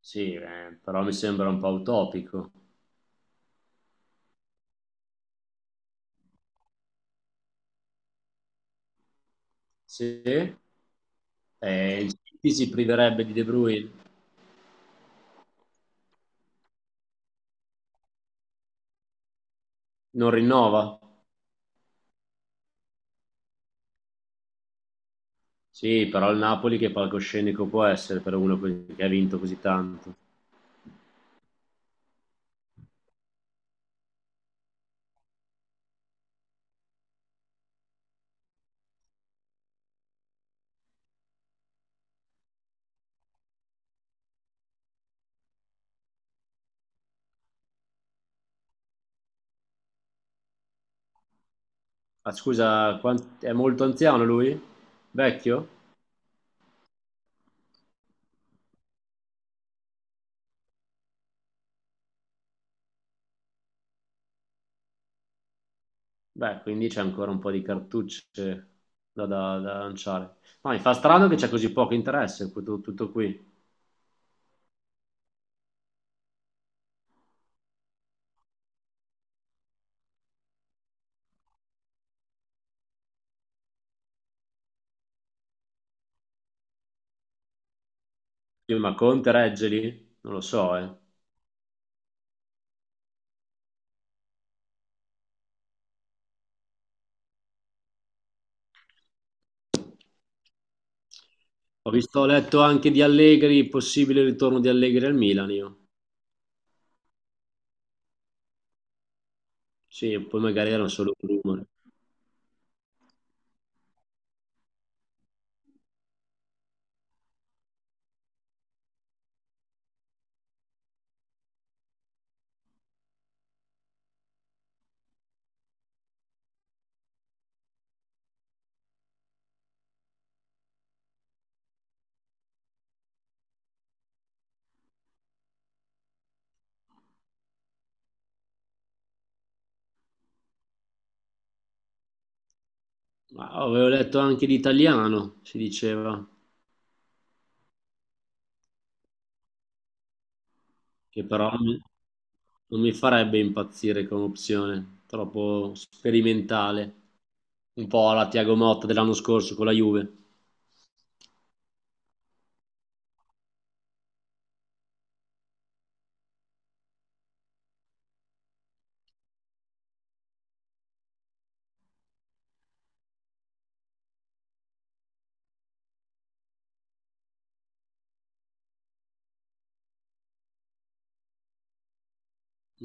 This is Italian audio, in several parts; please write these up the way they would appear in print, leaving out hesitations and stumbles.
Sì, però mi sembra un po' utopico. Sì, il City si priverebbe di De Bruyne, non rinnova? Sì, però il Napoli che palcoscenico può essere per uno che ha vinto così tanto. Ah, scusa, è molto anziano lui? Vecchio? Beh, quindi c'è ancora un po' di cartucce da lanciare. Ma mi fa strano che c'è così poco interesse, tutto, tutto qui. Ma Conte regge lì? Non lo so, eh. Ho letto anche di Allegri, possibile ritorno di Allegri al Milan io. Sì, poi magari era solo un rumore. Ma avevo letto anche di italiano, si diceva, che però non mi farebbe impazzire come opzione, troppo sperimentale, un po' alla Tiago Motta dell'anno scorso con la Juve.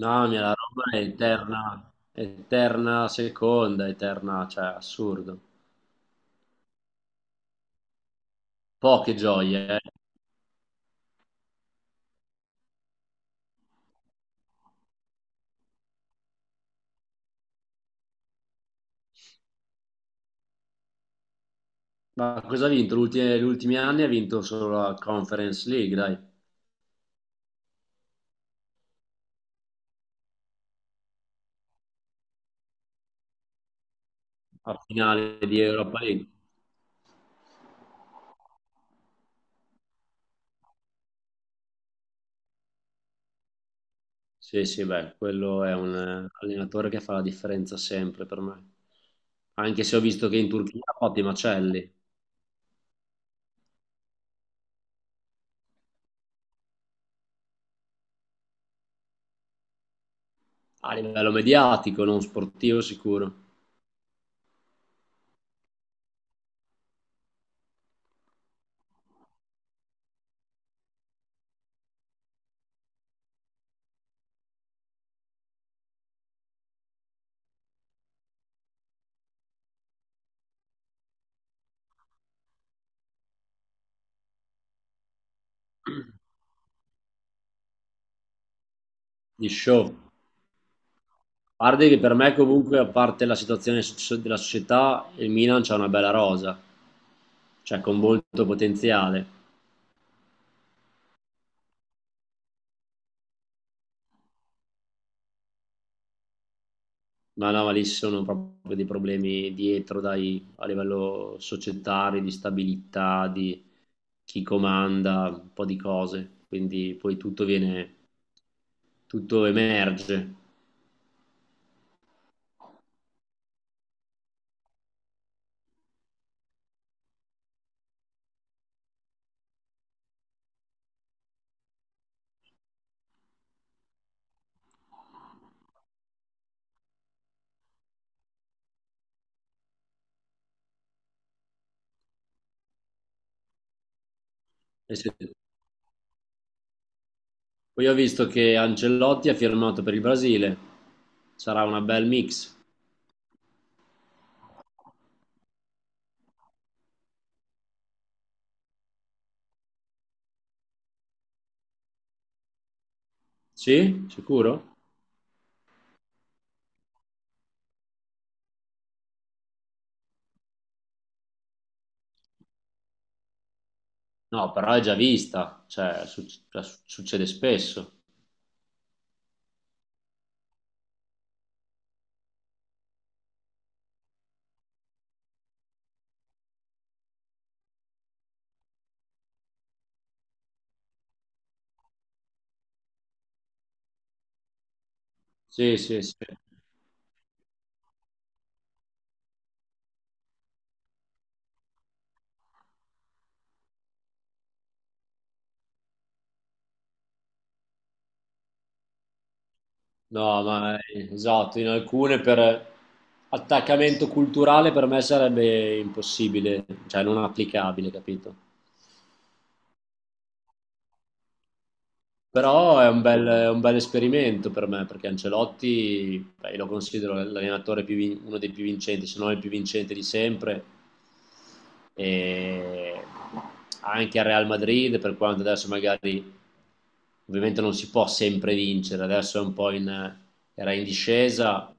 No, mia, la roba è eterna, eterna seconda, eterna, cioè assurdo. Poche gioie, eh. Ma cosa ha vinto? Gli ultimi anni ha vinto solo la Conference League, dai, a finale di Europa League. Sì, sì, beh, quello è un allenatore che fa la differenza sempre per me. Anche se ho visto che in Turchia ha fatto i macelli, a livello mediatico, non sportivo sicuro, di show. A parte che per me comunque, a parte la situazione della società, il Milan c'ha una bella rosa, cioè con molto potenziale. No, no, ma lì ci sono proprio dei problemi dietro, dai, a livello societario, di stabilità, di chi comanda, un po' di cose. Quindi poi tutto viene, tutto emerge. E se- Poi ho visto che Ancelotti ha firmato per il Brasile. Sarà una bel mix. Sì? Sicuro? No, però è già vista, cioè, cioè, succede spesso. Sì, sì, sì. No, ma esatto, in alcune per attaccamento culturale per me sarebbe impossibile, cioè non applicabile, capito? Però è un bel esperimento per me, perché Ancelotti, beh, io lo considero l'allenatore uno dei più vincenti, se non il più vincente di sempre. E anche a Real Madrid, per quanto adesso magari ovviamente non si può sempre vincere, adesso è un po' in, era in discesa,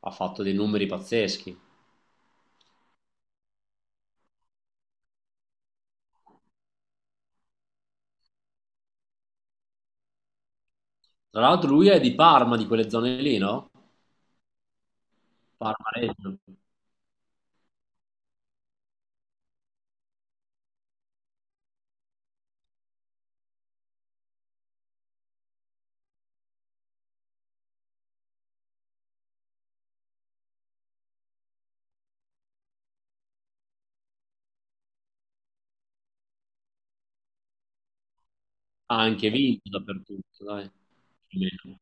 ha fatto dei numeri pazzeschi. Tra l'altro lui è di Parma, di quelle zone lì, no? Parma Reggio. Ha anche vinto dappertutto, dai. Più o meno.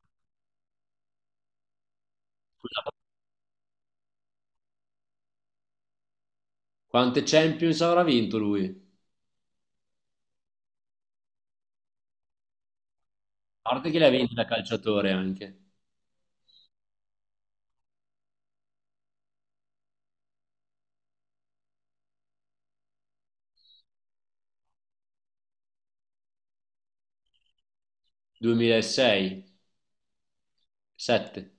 Quante Champions avrà vinto lui? A parte che le ha vinte da calciatore anche. 2006, 7.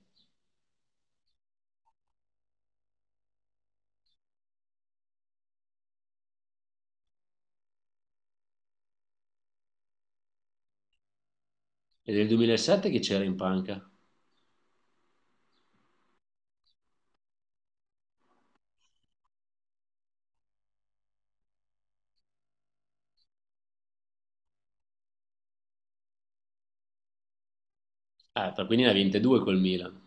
E del 2007 che c'era in panca? Quindi ne ha vinte due col Milan.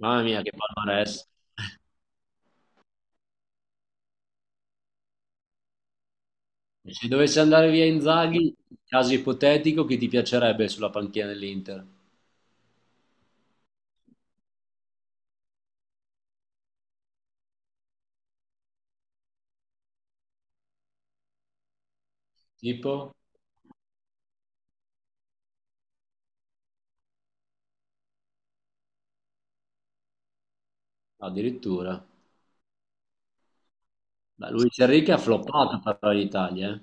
Mamma mia, che palmarès. E se dovesse andare via Inzaghi, caso ipotetico, chi ti piacerebbe sulla panchina dell'Inter? Tipo? Addirittura. Ma Luis Enrique ha floppato per l'Italia, eh.